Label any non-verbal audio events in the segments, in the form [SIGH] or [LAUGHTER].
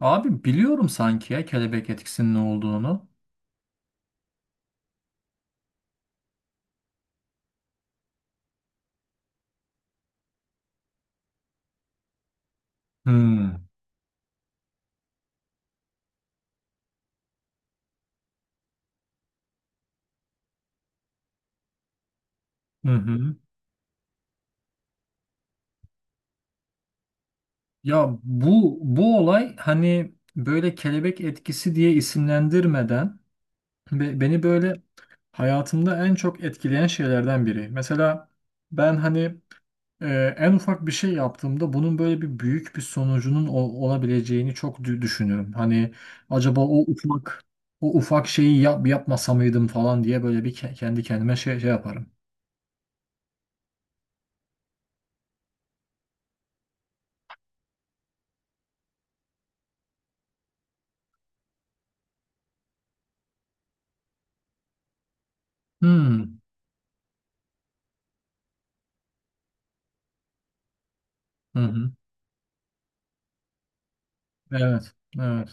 Abi biliyorum sanki ya kelebek etkisinin ne olduğunu. Hmm. Hı hı. Ya bu olay hani böyle kelebek etkisi diye isimlendirmeden beni böyle hayatımda en çok etkileyen şeylerden biri. Mesela ben hani en ufak bir şey yaptığımda bunun böyle bir büyük bir sonucunun olabileceğini çok düşünürüm. Hani acaba o ufak o ufak şeyi yapmasa mıydım falan diye böyle bir kendi kendime şey yaparım. Hmm. Hı hı. Evet, evet.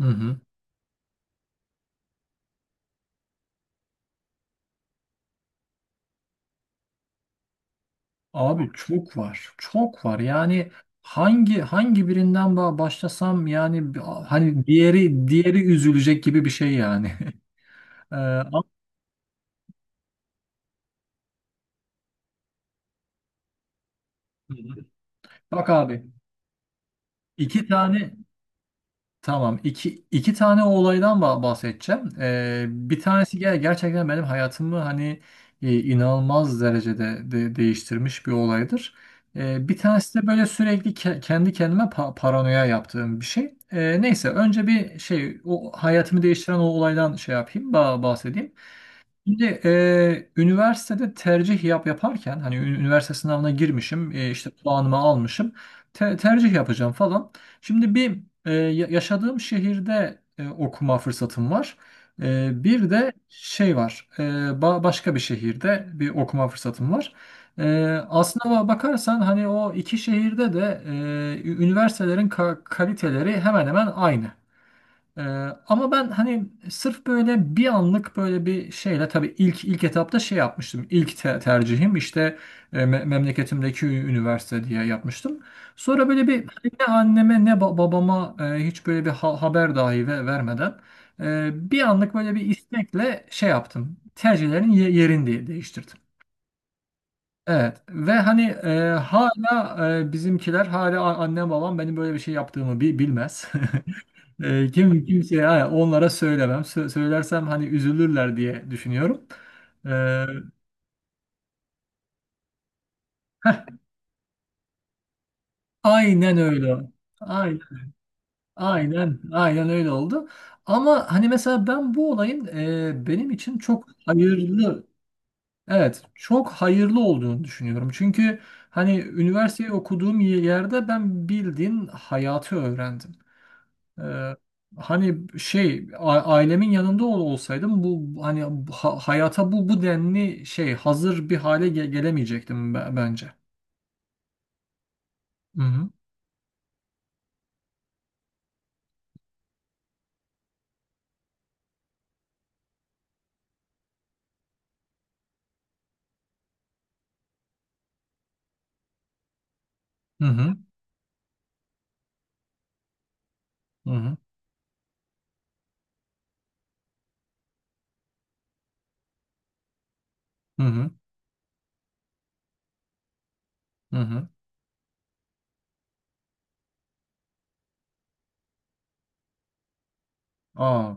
Hı hı. Abi çok var, çok var. Yani hangi birinden başlasam yani hani diğeri üzülecek gibi bir şey yani. [LAUGHS] Ee, ama- Bak abi, iki tane Tamam. İki tane o olaydan bahsedeceğim. Bir tanesi gerçekten benim hayatımı hani inanılmaz derecede değiştirmiş bir olaydır. Bir tanesi de böyle sürekli kendi kendime paranoya yaptığım bir şey. Neyse önce bir şey o hayatımı değiştiren o olaydan şey yapayım bahsedeyim. Şimdi üniversitede tercih yaparken hani üniversite sınavına girmişim işte puanımı almışım tercih yapacağım falan. Şimdi bir yaşadığım şehirde okuma fırsatım var. E, bir de şey var başka bir şehirde bir okuma fırsatım var. E, aslına bakarsan hani o iki şehirde de üniversitelerin kaliteleri hemen hemen aynı. Ee, ama ben hani sırf böyle bir anlık böyle bir şeyle tabii ilk etapta şey yapmıştım. İlk tercihim işte memleketimdeki üniversite diye yapmıştım. Sonra böyle bir hani ne anneme ne babama hiç böyle bir haber dahi vermeden bir anlık böyle bir istekle şey yaptım. Tercihlerin yerini değiştirdim. Evet ve hani hala bizimkiler hala annem babam benim böyle bir şey yaptığımı bilmez. [LAUGHS] E, kimseye ha, onlara söylemem. Söylersem hani üzülürler diye düşünüyorum. E, aynen öyle. Aynen, aynen, aynen öyle oldu. Ama hani mesela ben bu olayın benim için çok hayırlı, evet, çok hayırlı olduğunu düşünüyorum. Çünkü hani üniversiteyi okuduğum yerde ben bildiğin hayatı öğrendim. Ee, hani şey ailemin yanında olsaydım hani hayata bu denli şey hazır bir hale gelemeyecektim bence. Hı hı. Hı hı. Hı hı. Hı hı. Hı hı. Aa.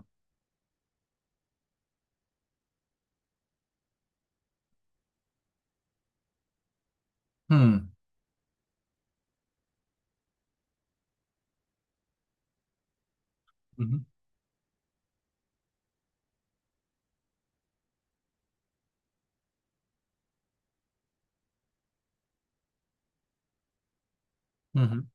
Hı. Hı hı. Hı hı.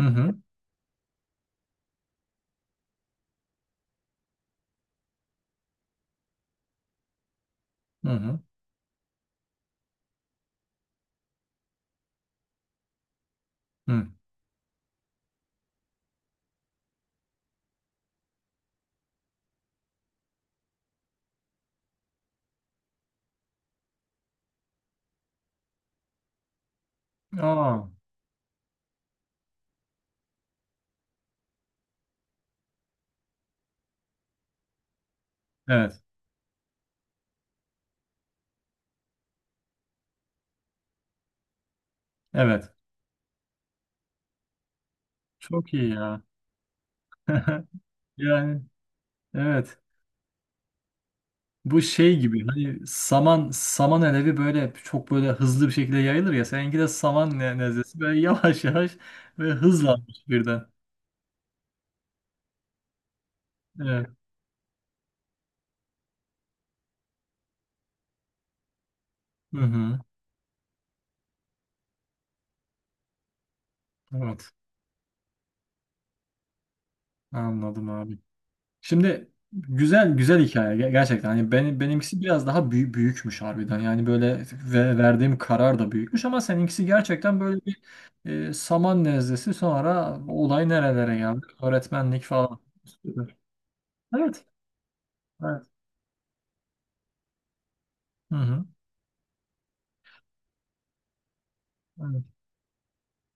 Hı hı. Hı hı. Hı. Aa. Evet. Evet. Çok iyi ya. [LAUGHS] Yani evet. Bu şey gibi hani saman saman alevi böyle çok böyle hızlı bir şekilde yayılır ya. Seninki de saman nezlesi böyle [LAUGHS] yavaş yavaş ve hızlanmış birden. Evet. Hı hı. Evet. Anladım abi. Şimdi güzel güzel hikaye gerçekten. Hani benim benimkisi biraz daha büyük büyükmüş harbiden. Yani böyle ve verdiğim karar da büyükmüş ama seninkisi gerçekten böyle bir saman nezlesi sonra olay nerelere geldi? Öğretmenlik falan. Süper. Evet. Evet. Hı hı. Evet.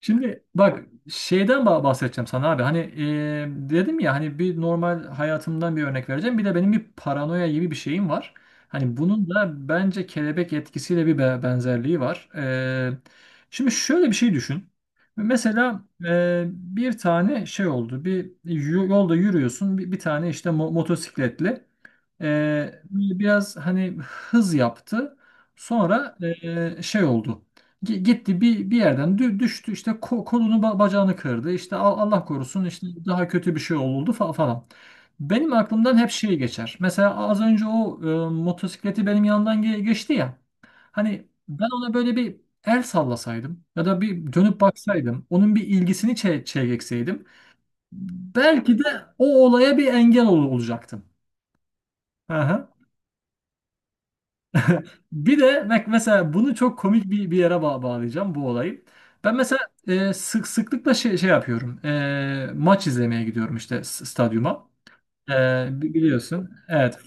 Şimdi bak şeyden bahsedeceğim sana abi. Hani dedim ya hani bir normal hayatımdan bir örnek vereceğim. Bir de benim bir paranoya gibi bir şeyim var. Hani bunun da bence kelebek etkisiyle bir benzerliği var. E, şimdi şöyle bir şey düşün. Mesela bir tane şey oldu. Bir yolda yürüyorsun. Bir tane işte motosikletli. Böyle biraz hani hız yaptı. Sonra şey oldu. Gitti bir yerden düştü işte kolunu bacağını kırdı. İşte Allah korusun işte daha kötü bir şey oldu falan. Benim aklımdan hep şey geçer. Mesela az önce o motosikleti benim yandan geçti ya. Hani ben ona böyle bir el sallasaydım ya da bir dönüp baksaydım, onun bir ilgisini çe çekseydim belki de o olaya bir engel ol olacaktım. Aha. Bir de bak mesela bunu çok komik bir yere bağlayacağım bu olayı. Ben mesela sıklıkla şey yapıyorum. E, maç izlemeye gidiyorum işte stadyuma. E, biliyorsun. Evet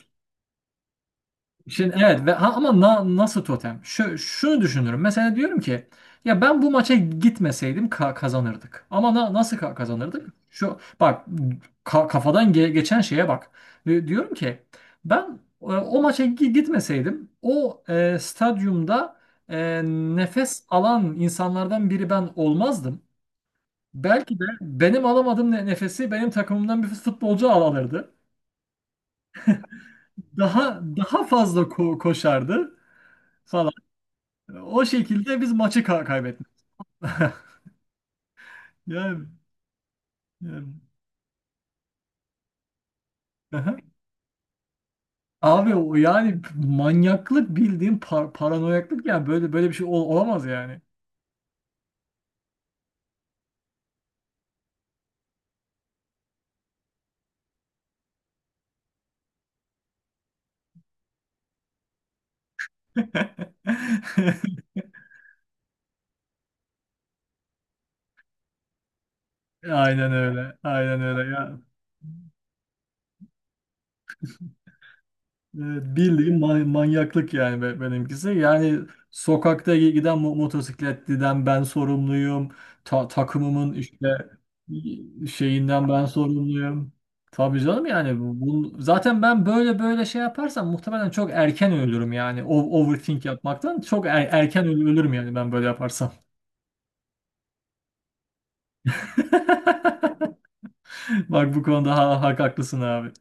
Şimdi evet ve nasıl totem? Şunu düşünürüm. Mesela diyorum ki ya ben bu maça gitmeseydim kazanırdık. Ama nasıl kazanırdık? Şu bak kafadan geçen şeye bak. Diyorum ki ben o maça gitmeseydim o stadyumda nefes alan insanlardan biri ben olmazdım. Belki de benim alamadığım nefesi benim takımımdan bir futbolcu alırdı. Daha daha fazla koşardı. O şekilde biz maçı kaybettik. [LAUGHS] Yani, yani. Aha. Abi o yani manyaklık bildiğin paranoyaklık yani böyle böyle bir şey olamaz yani. [LAUGHS] Aynen öyle. Aynen öyle ya. E, Bildiğin manyaklık yani benimkisi. Yani sokakta giden motosikletliden ben sorumluyum. Takımımın işte şeyinden ben sorumluyum. Tabii canım yani zaten ben böyle böyle şey yaparsam muhtemelen çok erken ölürüm yani. Overthink yapmaktan çok erken ölürüm yani ben böyle yaparsam. [LAUGHS] Bak bu konuda hak haklısın abi.